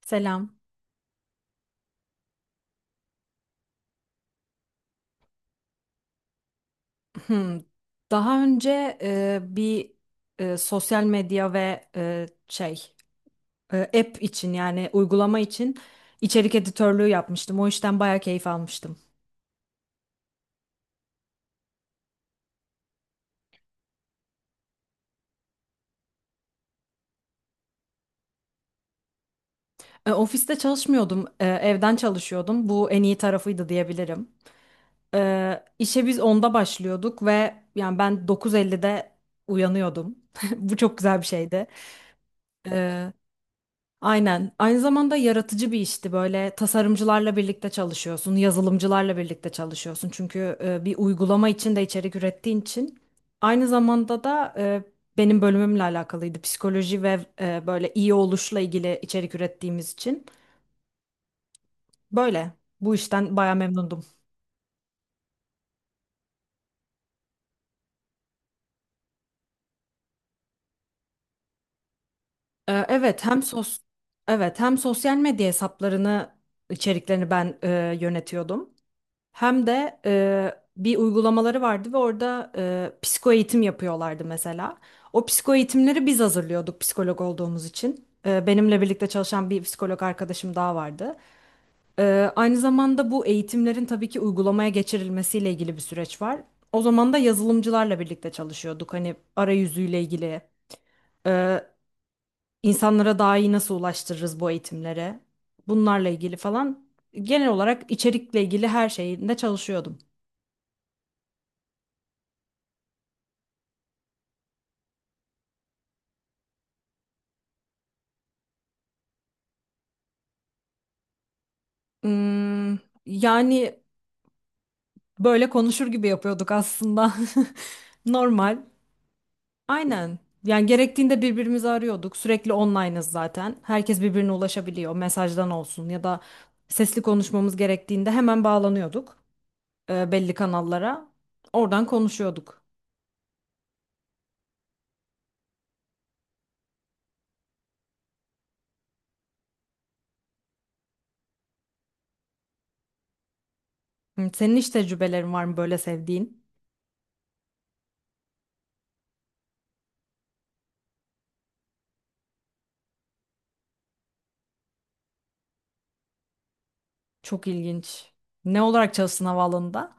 Selam. Hmm. Daha önce bir sosyal medya ve şey app için yani uygulama için içerik editörlüğü yapmıştım. O işten bayağı keyif almıştım. Ofiste çalışmıyordum, evden çalışıyordum. Bu en iyi tarafıydı diyebilirim. İşe biz onda başlıyorduk ve yani ben 9.50'de uyanıyordum. Bu çok güzel bir şeydi. E, Aynen. Aynı zamanda yaratıcı bir işti. Böyle tasarımcılarla birlikte çalışıyorsun, yazılımcılarla birlikte çalışıyorsun. Çünkü bir uygulama için de içerik ürettiğin için. Aynı zamanda da benim bölümümle alakalıydı. Psikoloji ve böyle iyi oluşla ilgili içerik ürettiğimiz için. Böyle. Bu işten baya memnundum. E, evet, hem sos Evet, hem sosyal medya hesaplarını içeriklerini ben yönetiyordum. Hem de bir uygulamaları vardı ve orada psiko eğitim yapıyorlardı mesela. O psiko eğitimleri biz hazırlıyorduk psikolog olduğumuz için. Benimle birlikte çalışan bir psikolog arkadaşım daha vardı. Aynı zamanda bu eğitimlerin tabii ki uygulamaya geçirilmesiyle ilgili bir süreç var. O zaman da yazılımcılarla birlikte çalışıyorduk. Hani arayüzüyle ilgili, e, insanlara daha iyi nasıl ulaştırırız bu eğitimlere, bunlarla ilgili falan. Genel olarak içerikle ilgili her şeyinde çalışıyordum. Hmm, yani böyle konuşur gibi yapıyorduk aslında. Normal. Aynen. Yani gerektiğinde birbirimizi arıyorduk. Sürekli online'ız zaten. Herkes birbirine ulaşabiliyor. Mesajdan olsun ya da sesli konuşmamız gerektiğinde hemen bağlanıyorduk belli kanallara. Oradan konuşuyorduk. Hı, senin hiç tecrübelerin var mı böyle sevdiğin? Çok ilginç. Ne olarak çalıştın havaalanında?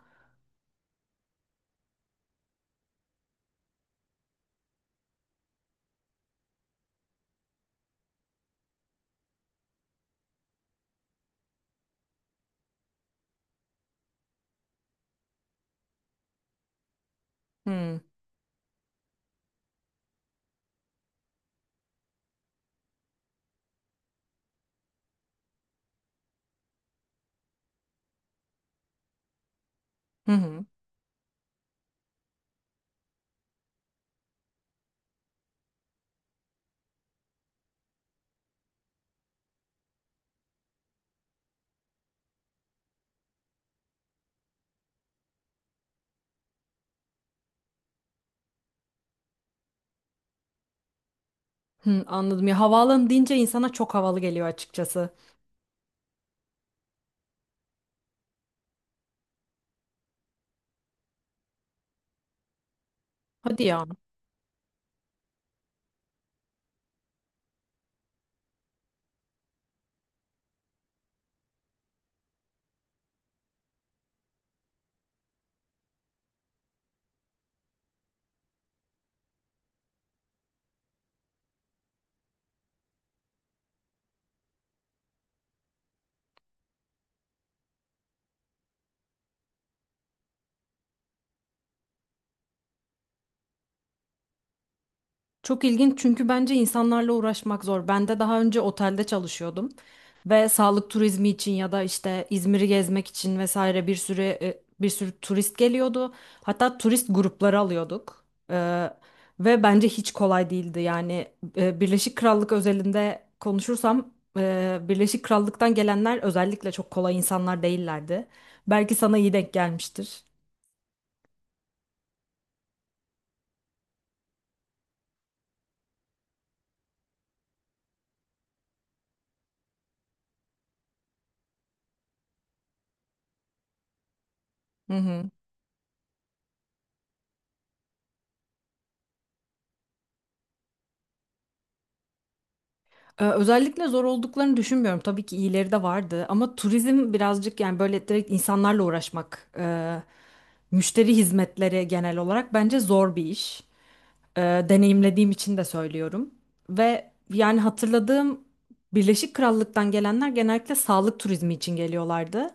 Hmm. Hı hı. Hı, anladım. Ya havaalanı deyince insana çok havalı geliyor açıkçası. Hadi ya. Çok ilginç çünkü bence insanlarla uğraşmak zor. Ben de daha önce otelde çalışıyordum ve sağlık turizmi için ya da işte İzmir'i gezmek için vesaire bir sürü turist geliyordu. Hatta turist grupları alıyorduk. Ee, ve bence hiç kolay değildi. Yani Birleşik Krallık özelinde konuşursam Birleşik Krallık'tan gelenler özellikle çok kolay insanlar değillerdi. Belki sana iyi denk gelmiştir. Hı hı. Özellikle zor olduklarını düşünmüyorum. Tabii ki iyileri de vardı ama turizm birazcık yani böyle direkt insanlarla uğraşmak, müşteri hizmetleri genel olarak bence zor bir iş, e, deneyimlediğim için de söylüyorum. Ve yani hatırladığım Birleşik Krallık'tan gelenler genellikle sağlık turizmi için geliyorlardı.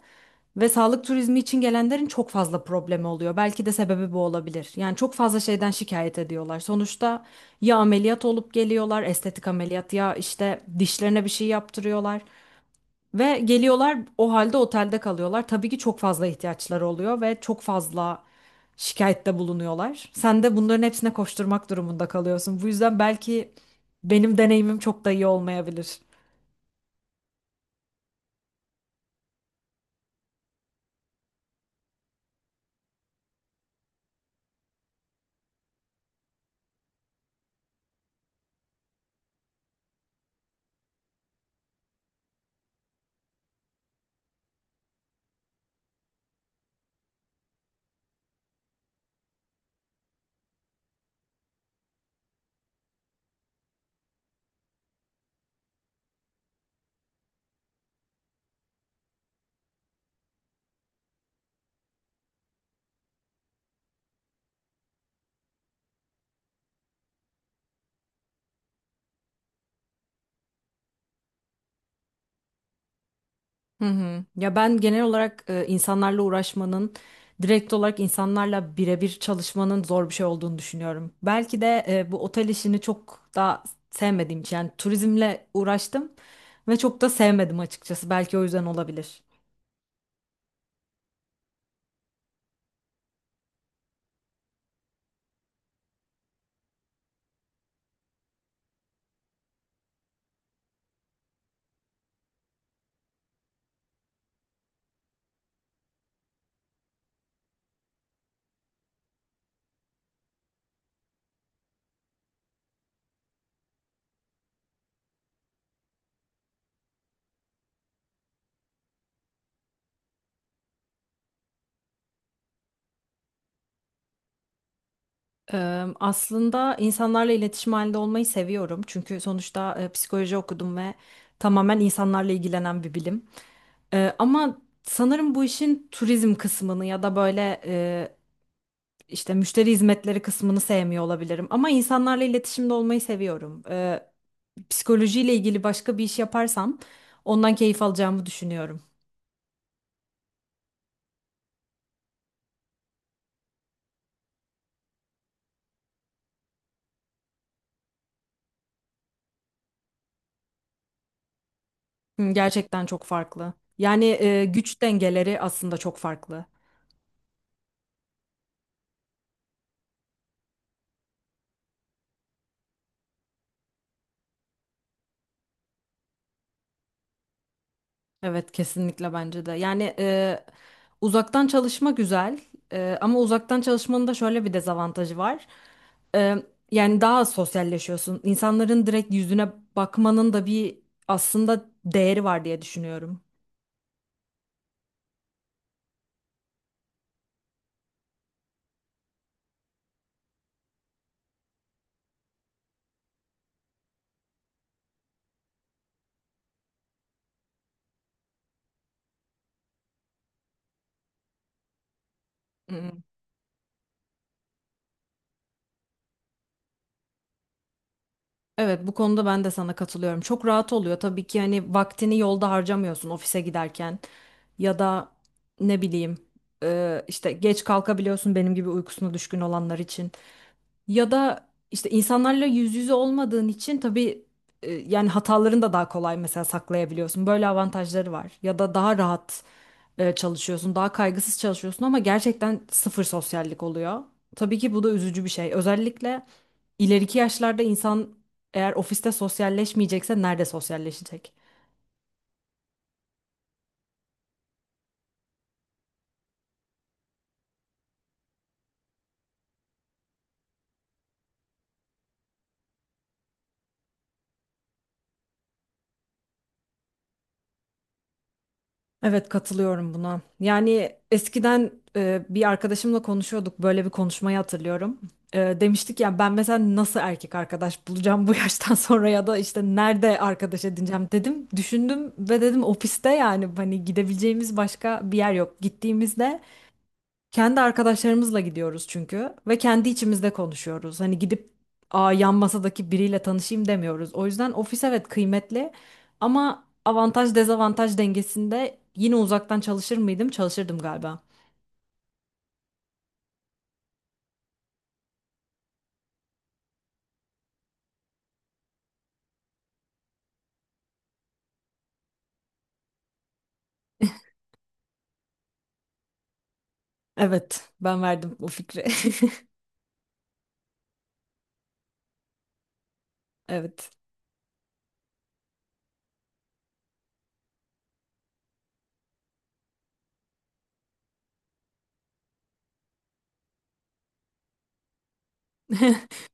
Ve sağlık turizmi için gelenlerin çok fazla problemi oluyor. Belki de sebebi bu olabilir. Yani çok fazla şeyden şikayet ediyorlar. Sonuçta ya ameliyat olup geliyorlar, estetik ameliyat ya işte dişlerine bir şey yaptırıyorlar. Ve geliyorlar o halde otelde kalıyorlar. Tabii ki çok fazla ihtiyaçları oluyor ve çok fazla şikayette bulunuyorlar. Sen de bunların hepsine koşturmak durumunda kalıyorsun. Bu yüzden belki benim deneyimim çok da iyi olmayabilir. Hı hı. Ya ben genel olarak insanlarla uğraşmanın, direkt olarak insanlarla birebir çalışmanın zor bir şey olduğunu düşünüyorum. Belki de bu otel işini çok da sevmediğim için yani turizmle uğraştım ve çok da sevmedim açıkçası. Belki o yüzden olabilir. Aslında insanlarla iletişim halinde olmayı seviyorum. Çünkü sonuçta psikoloji okudum ve tamamen insanlarla ilgilenen bir bilim. Ama sanırım bu işin turizm kısmını ya da böyle işte müşteri hizmetleri kısmını sevmiyor olabilirim. Ama insanlarla iletişimde olmayı seviyorum. Psikolojiyle ilgili başka bir iş yaparsam ondan keyif alacağımı düşünüyorum. Hı, gerçekten çok farklı. Yani güç dengeleri aslında çok farklı. Evet, kesinlikle bence de. Yani uzaktan çalışma güzel. Ama uzaktan çalışmanın da şöyle bir dezavantajı var. E, Yani daha az sosyalleşiyorsun. İnsanların direkt yüzüne bakmanın da bir aslında değeri var diye düşünüyorum. Hı hı. Evet, bu konuda ben de sana katılıyorum. Çok rahat oluyor tabii ki, hani vaktini yolda harcamıyorsun ofise giderken ya da ne bileyim işte geç kalkabiliyorsun benim gibi uykusuna düşkün olanlar için. Ya da işte insanlarla yüz yüze olmadığın için tabii yani hatalarını da daha kolay mesela saklayabiliyorsun. Böyle avantajları var. Ya da daha rahat çalışıyorsun, daha kaygısız çalışıyorsun ama gerçekten sıfır sosyallik oluyor. Tabii ki bu da üzücü bir şey. Özellikle ileriki yaşlarda insan eğer ofiste sosyalleşmeyecekse nerede sosyalleşecek? Evet, katılıyorum buna. Yani eskiden bir arkadaşımla konuşuyorduk, böyle bir konuşmayı hatırlıyorum. Demiştik ya, ben mesela nasıl erkek arkadaş bulacağım bu yaştan sonra ya da işte nerede arkadaş edineceğim dedim. Düşündüm ve dedim ofiste, yani hani gidebileceğimiz başka bir yer yok. Gittiğimizde kendi arkadaşlarımızla gidiyoruz çünkü ve kendi içimizde konuşuyoruz. Hani gidip, "Aa, yan masadaki biriyle tanışayım," demiyoruz. O yüzden ofis evet kıymetli ama avantaj dezavantaj dengesinde yine uzaktan çalışır mıydım? Çalışırdım galiba. Evet, ben verdim o fikri. Evet.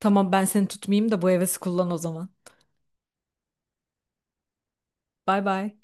Tamam, ben seni tutmayayım da bu hevesi kullan o zaman. Bay bay.